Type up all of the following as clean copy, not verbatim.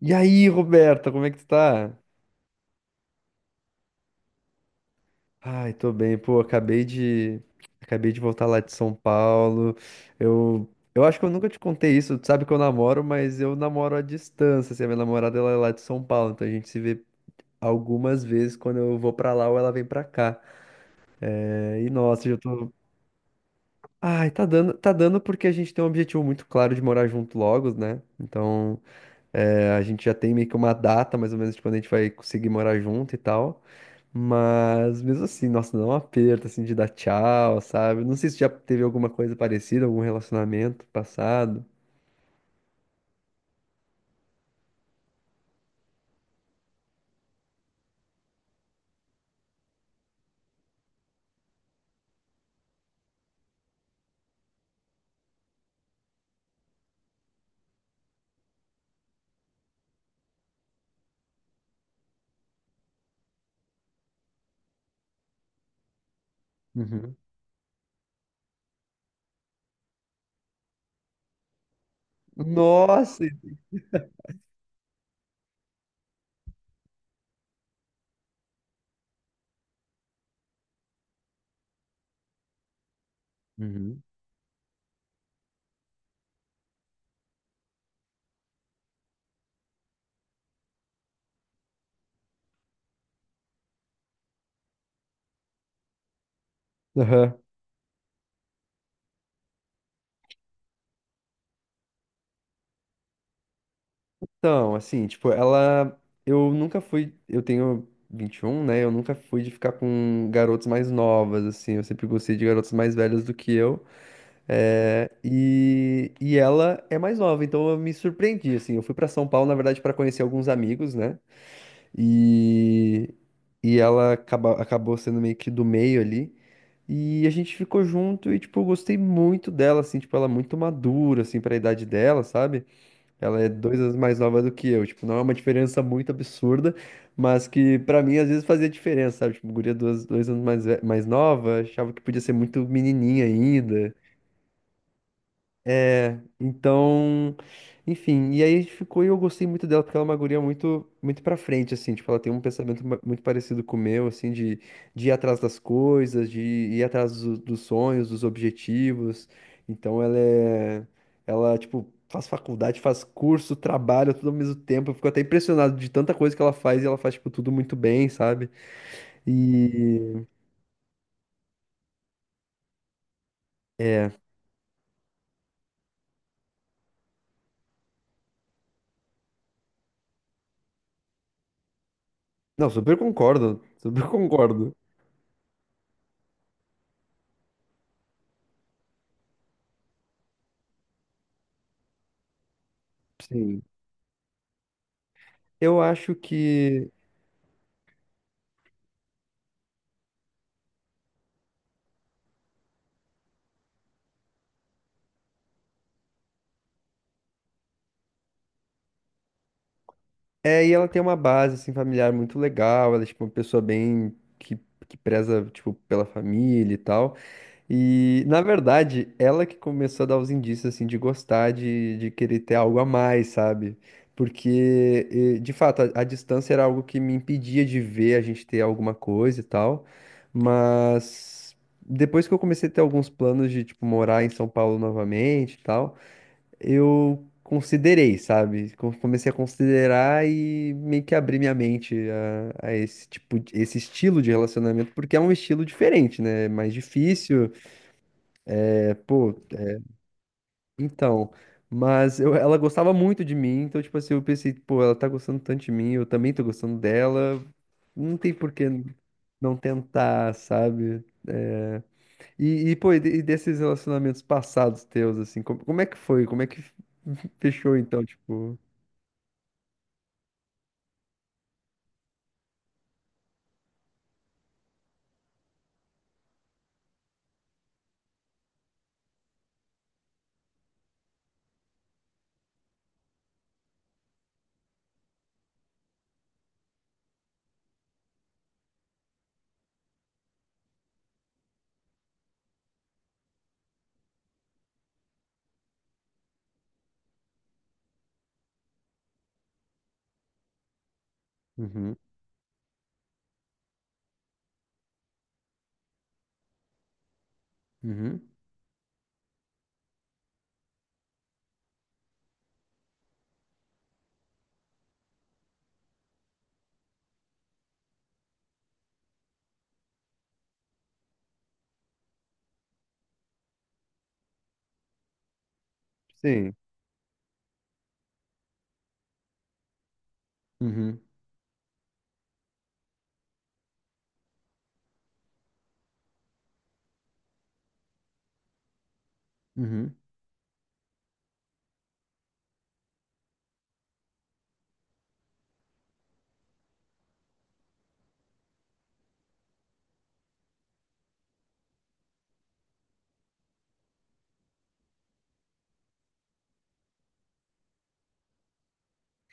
E aí, Roberta, como é que tu tá? Ai, tô bem, pô, acabei de voltar lá de São Paulo. Eu acho que eu nunca te contei isso, tu sabe que eu namoro, mas eu namoro à distância, assim, a minha namorada ela é lá de São Paulo, então a gente se vê algumas vezes quando eu vou pra lá ou ela vem pra cá. É, e nossa, eu tô. Ai, tá dando porque a gente tem um objetivo muito claro de morar junto logo, né? Então, é, a gente já tem meio que uma data, mais ou menos, de quando a gente vai conseguir morar junto e tal. Mas mesmo assim, nossa, dá um aperto assim de dar tchau, sabe? Não sei se já teve alguma coisa parecida, algum relacionamento passado. Uhum. Nossa! Uhum. Aham. Então, assim, tipo, ela. Eu nunca fui. Eu tenho 21, né? Eu nunca fui de ficar com garotas mais novas, assim. Eu sempre gostei de garotas mais velhas do que eu. É, e ela é mais nova, então eu me surpreendi, assim. Eu fui pra São Paulo, na verdade, pra conhecer alguns amigos, né? E, ela acabou sendo meio que do meio ali. E a gente ficou junto e, tipo, eu gostei muito dela, assim, tipo, ela é muito madura, assim, pra idade dela, sabe? Ela é dois anos mais nova do que eu, tipo, não é uma diferença muito absurda, mas que pra mim às vezes fazia diferença, sabe? Tipo, guria dois anos mais, mais nova, achava que podia ser muito menininha ainda. É, então, enfim, e aí ficou e eu gostei muito dela, porque ela é uma guria muito pra frente, assim, tipo, ela tem um pensamento muito parecido com o meu, assim, de ir atrás das coisas, de ir atrás dos sonhos, dos objetivos, então ela é, ela, tipo, faz faculdade, faz curso, trabalha tudo ao mesmo tempo, eu fico até impressionado de tanta coisa que ela faz, e ela faz, tipo, tudo muito bem, sabe? E, é, não, super concordo, super concordo. Sim. Eu acho que é, e ela tem uma base, assim, familiar muito legal. Ela é, tipo, uma pessoa bem... que preza, tipo, pela família e tal. E, na verdade, ela que começou a dar os indícios, assim, de gostar, de querer ter algo a mais, sabe? Porque, de fato, a distância era algo que me impedia de ver a gente ter alguma coisa e tal. Mas... depois que eu comecei a ter alguns planos de, tipo, morar em São Paulo novamente e tal, eu considerei, sabe? Comecei a considerar e meio que abri minha mente a esse tipo, esse estilo de relacionamento, porque é um estilo diferente, né? É mais difícil, é, pô, então. Mas ela gostava muito de mim, então, tipo assim, eu pensei, pô, ela tá gostando tanto de mim, eu também tô gostando dela, não tem por que não tentar, sabe? É. E, e, pô, e e desses relacionamentos passados teus, assim, como, como é que foi? Como é que fechou, então, tipo. Uhum, uhum. Sim. Uhum, uhum,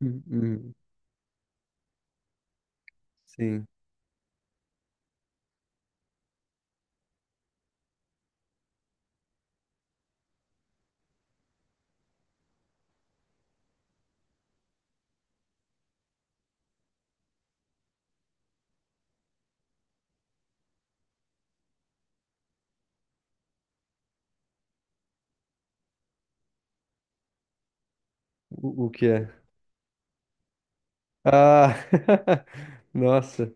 uhum, uhum. Sim. O que é? Ah, nossa.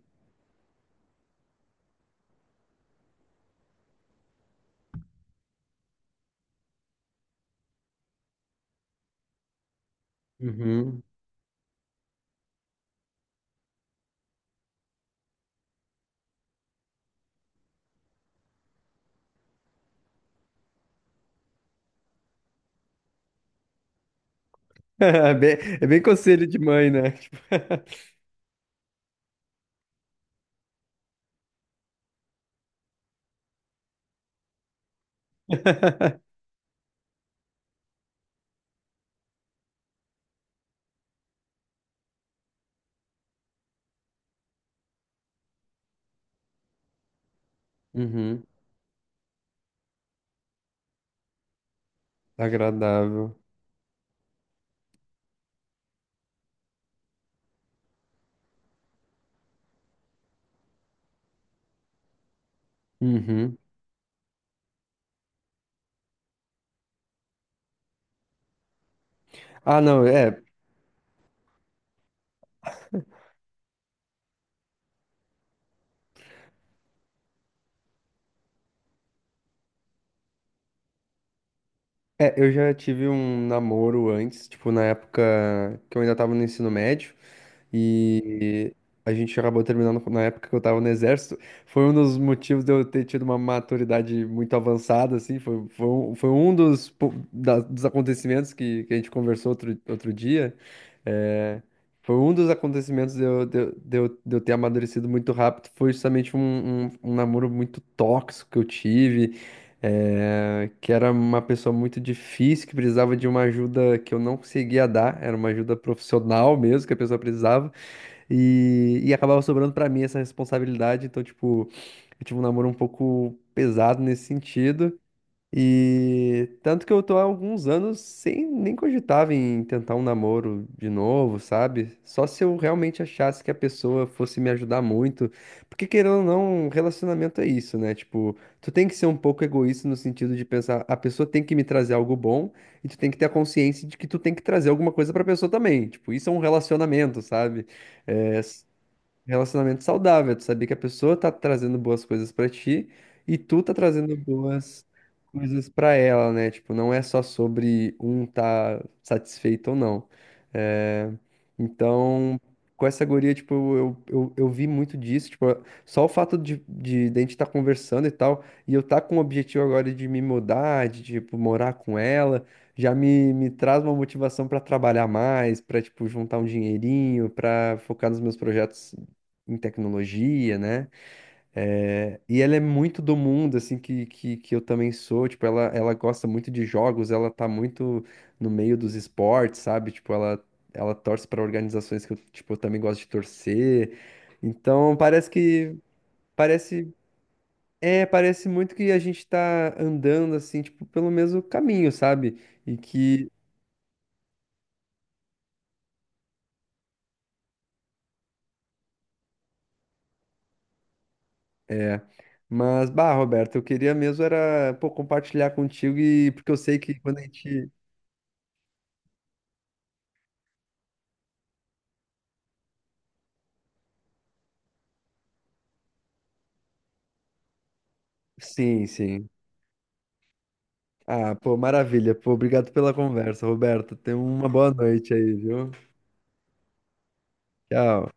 Uhum. É bem conselho de mãe, né? Tipo, uhum, agradável. Uhum. Ah, não, é, é. Eu já tive um namoro antes, tipo, na época que eu ainda tava no ensino médio. E a gente acabou terminando na época que eu tava no exército. Foi um dos motivos de eu ter tido uma maturidade muito avançada, assim. Foi um dos, dos acontecimentos que a gente conversou outro, outro dia. É, foi um dos acontecimentos de eu, de eu ter amadurecido muito rápido. Foi justamente um namoro muito tóxico que eu tive, é, que era uma pessoa muito difícil, que precisava de uma ajuda que eu não conseguia dar. Era uma ajuda profissional mesmo que a pessoa precisava. E acabava sobrando pra mim essa responsabilidade. Então, tipo, eu tive um namoro um pouco pesado nesse sentido. E tanto que eu tô há alguns anos sem nem cogitava em tentar um namoro de novo, sabe? Só se eu realmente achasse que a pessoa fosse me ajudar muito. Porque querendo ou não, relacionamento é isso, né? Tipo, tu tem que ser um pouco egoísta no sentido de pensar, a pessoa tem que me trazer algo bom e tu tem que ter a consciência de que tu tem que trazer alguma coisa pra pessoa também. Tipo, isso é um relacionamento, sabe? É. Relacionamento saudável, tu saber que a pessoa tá trazendo boas coisas pra ti e tu tá trazendo boas coisas pra ela, né? Tipo, não é só sobre um tá satisfeito ou não. É. Então, com essa guria, tipo, eu vi muito disso, tipo, só o fato de a gente estar conversando e tal, e eu tá com o objetivo agora de me mudar, de, tipo, morar com ela, já me traz uma motivação pra trabalhar mais, pra tipo juntar um dinheirinho, pra focar nos meus projetos em tecnologia, né? É, e ela é muito do mundo, assim, que eu também sou. Tipo, ela gosta muito de jogos, ela tá muito no meio dos esportes, sabe? Tipo, ela torce para organizações que eu, tipo, eu também gosto de torcer. Então, parece que, parece, é, parece muito que a gente tá andando, assim, tipo, pelo mesmo caminho, sabe? E que, é... Mas, bah, Roberto, eu queria mesmo era, pô, compartilhar contigo e porque eu sei que quando a gente. Sim, sim. Ah, pô, maravilha. Pô, obrigado pela conversa, Roberto. Tenha uma boa noite aí, viu? Tchau.